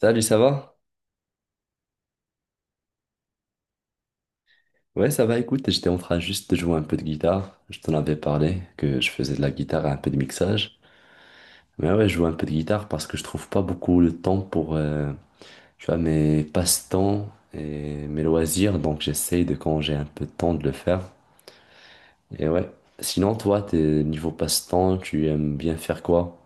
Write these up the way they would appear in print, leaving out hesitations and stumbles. Salut, ça va? Ouais, ça va, écoute, j'étais en train juste de jouer un peu de guitare. Je t'en avais parlé que je faisais de la guitare et un peu de mixage. Mais ouais, je joue un peu de guitare parce que je trouve pas beaucoup le temps pour, tu vois, mes passe-temps et mes loisirs. Donc j'essaye de, quand j'ai un peu de temps, de le faire. Et ouais. Sinon, toi, t'es niveau passe-temps, tu aimes bien faire quoi?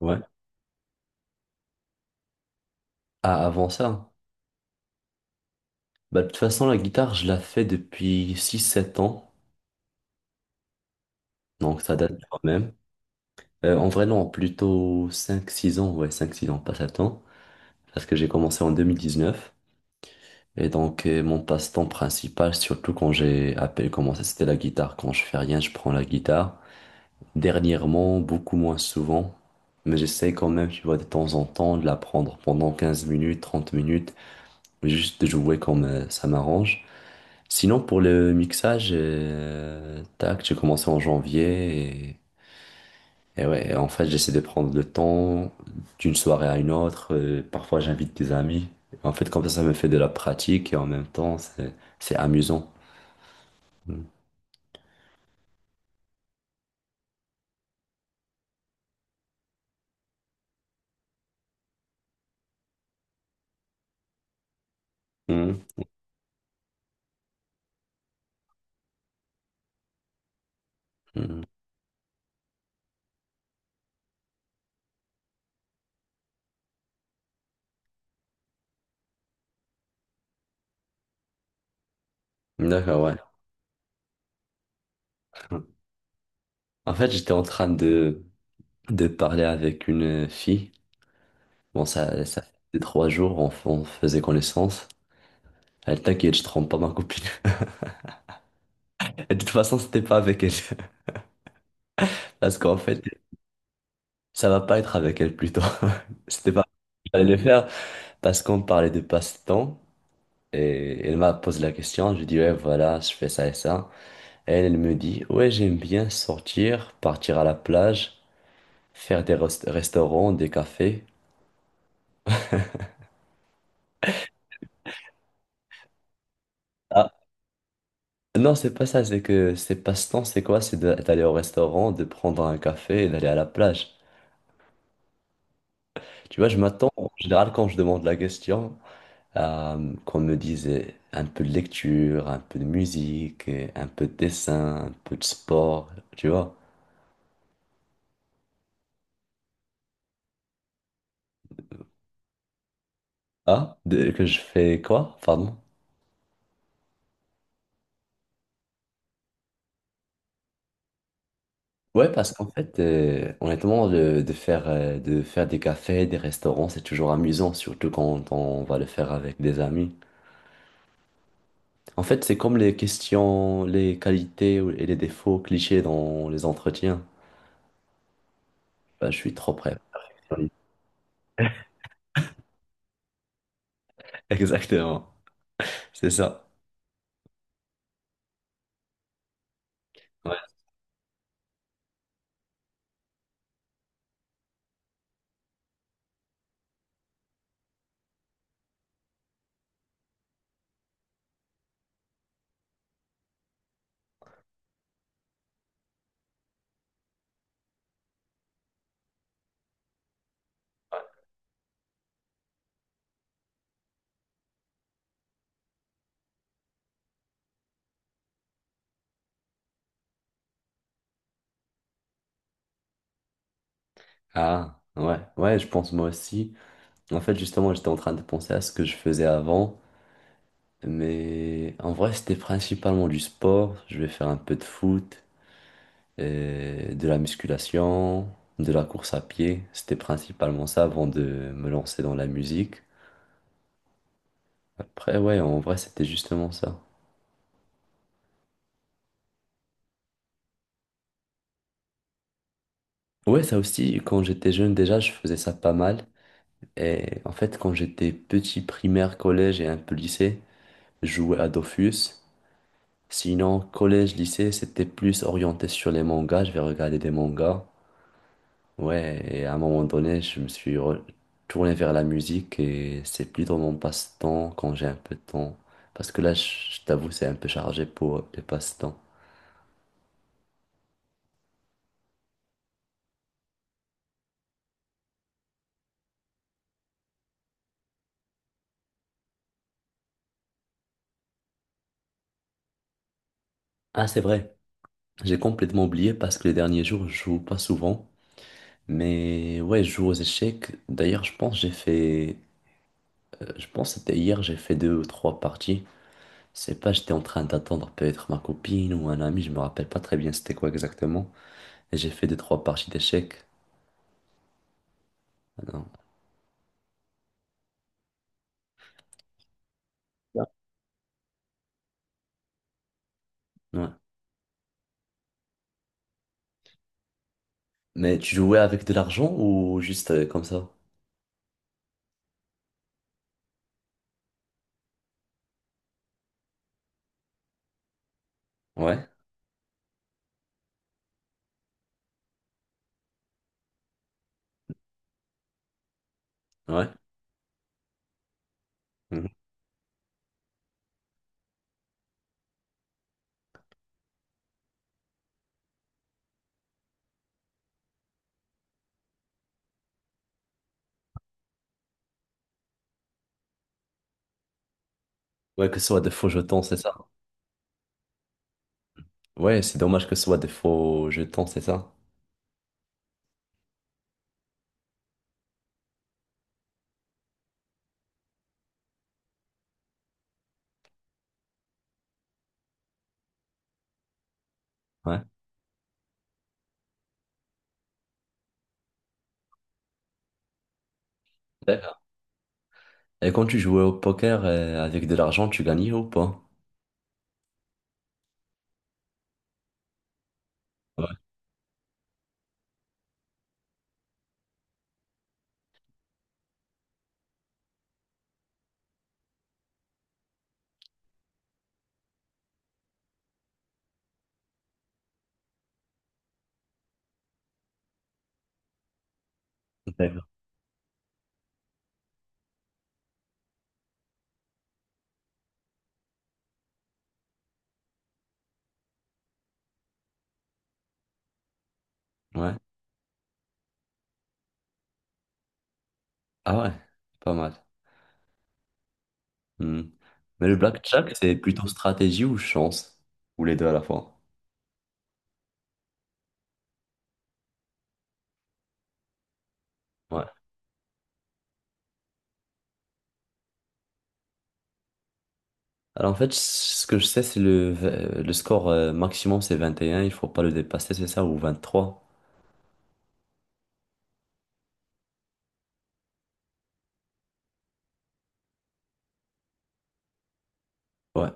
Ouais. Ah, avant ça? Bah, de toute façon, la guitare, je la fais depuis 6 7 ans. Donc ça date quand même. En vrai, non, plutôt 5-6 ans, ouais, 5-6 ans, pas 7 ans, parce que j'ai commencé en 2019. Et donc, mon passe-temps principal, surtout quand j'ai à commencé, c'était la guitare. Quand je fais rien, je prends la guitare. Dernièrement, beaucoup moins souvent, mais j'essaie quand même, tu vois, de temps en temps, de la prendre pendant 15 minutes, 30 minutes, mais juste de jouer comme ça m'arrange. Sinon, pour le mixage, tac, j'ai commencé en janvier. Et ouais, en fait, j'essaie de prendre le temps d'une soirée à une autre. Parfois, j'invite des amis. En fait, comme ça me fait de la pratique et en même temps, c'est amusant. Mm. Mm. Mm. D'accord, ouais. En fait, j'étais en train de parler avec une fille. Bon, ça fait 3 jours, on faisait connaissance. Elle t'inquiète, je trompe pas ma copine. Et de toute façon, c'était pas avec elle. Parce qu'en fait, ça va pas être avec elle plutôt. C'était pas. J'allais le faire parce qu'on parlait de passe-temps. Et elle m'a posé la question, je dis ouais voilà, je fais ça et ça. Elle, elle me dit ouais j'aime bien sortir, partir à la plage, faire des restaurants, des cafés. Ah non c'est pas ça, c'est que c'est passe-temps, c'est quoi? C'est d'aller au restaurant, de prendre un café et d'aller à la plage. Tu vois, je m'attends en général quand je demande la question à, qu'on me dise un peu de lecture, un peu de musique, un peu de dessin, un peu de sport, tu vois. Ah, que je fais quoi? Pardon? Ouais, parce qu'en fait, honnêtement, de faire des cafés, des restaurants, c'est toujours amusant, surtout quand on va le faire avec des amis. En fait, c'est comme les questions, les qualités et les défauts clichés dans les entretiens. Bah, je suis trop prêt. Exactement, c'est ça. Ouais. Ah, ouais, ouais, je pense moi aussi. En fait, justement, j'étais en train de penser à ce que je faisais avant, mais en vrai, c'était principalement du sport. Je vais faire un peu de foot, de la musculation, de la course à pied. C'était principalement ça avant de me lancer dans la musique. Après, ouais, en vrai, c'était justement ça. Ouais, ça aussi, quand j'étais jeune déjà, je faisais ça pas mal. Et en fait, quand j'étais petit, primaire, collège et un peu lycée, je jouais à Dofus. Sinon, collège, lycée, c'était plus orienté sur les mangas. Je vais regarder des mangas. Ouais, et à un moment donné, je me suis retourné vers la musique et c'est plus dans mon passe-temps quand j'ai un peu de temps. Parce que là, je t'avoue, c'est un peu chargé pour les passe-temps. Ah, c'est vrai, j'ai complètement oublié parce que les derniers jours, je joue pas souvent. Mais ouais, je joue aux échecs. D'ailleurs, je pense que j'ai fait, je pense que c'était hier, j'ai fait 2 ou 3 parties. Je sais pas, j'étais en train d'attendre peut-être ma copine ou un ami, je me rappelle pas très bien c'était quoi exactement. Et j'ai fait 2, 3 parties d'échecs. Alors. Ouais. Mais tu jouais avec de l'argent ou juste comme ça? Ouais, ouais. Mhm. Ouais, que ce soit des faux jetons, c'est ça. Ouais, c'est dommage que ce soit des faux jetons, c'est ça. Ouais. D'accord. Et quand tu jouais au poker avec de l'argent, tu gagnais ou pas? Ouais, d'accord. Ouais. Ah ouais, pas mal. Hmm. Mais le blackjack, c'est plutôt stratégie ou chance? Ou les deux à la fois? Ouais. Alors en fait, ce que je sais, c'est le score maximum, c'est 21, il faut pas le dépasser, c'est ça, ou 23? Ouais.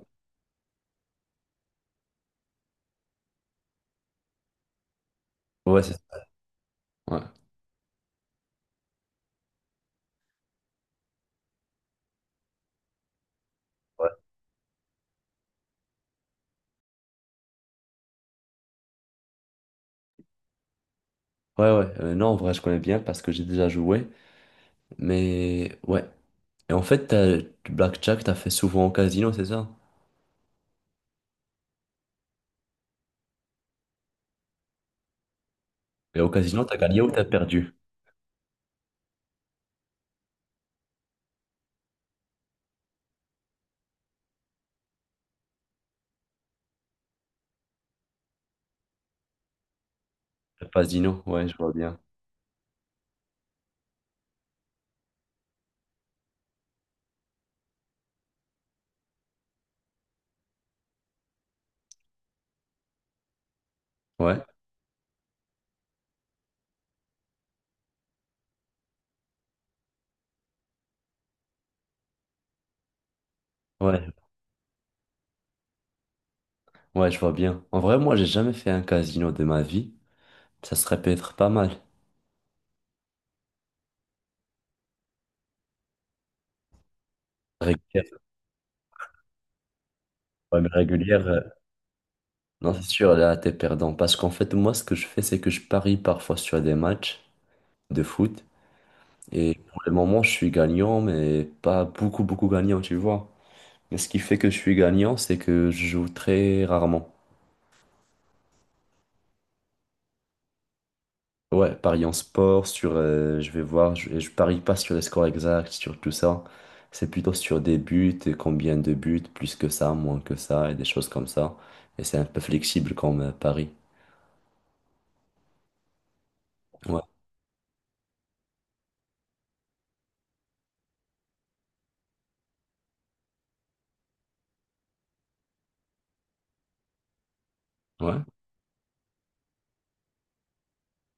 Ouais, c'est ça. Ouais. Ouais, ouais, non, en vrai, je connais bien parce que j'ai déjà joué, mais ouais. Et en fait, du blackjack, t'as fait souvent au casino, c'est ça? Et au casino, t'as gagné ou t'as perdu? Le casino, ouais, je vois bien. Ouais, ouais, ouais, je vois bien. En vrai, moi, j'ai jamais fait un casino de ma vie. Ça serait peut-être pas mal. Régulière, ouais, mais régulière, non, c'est sûr, là, t'es perdant. Parce qu'en fait, moi, ce que je fais, c'est que je parie parfois sur des matchs de foot. Et pour le moment, je suis gagnant, mais pas beaucoup, beaucoup gagnant, tu vois. Mais ce qui fait que je suis gagnant, c'est que je joue très rarement. Ouais, paris en sport, sur, je vais voir, je parie pas sur les scores exacts, sur tout ça. C'est plutôt sur des buts, et combien de buts, plus que ça, moins que ça, et des choses comme ça. Et c'est un peu flexible comme pari. Ouais, ouais.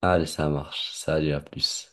Allez, ça marche. Salut, à plus.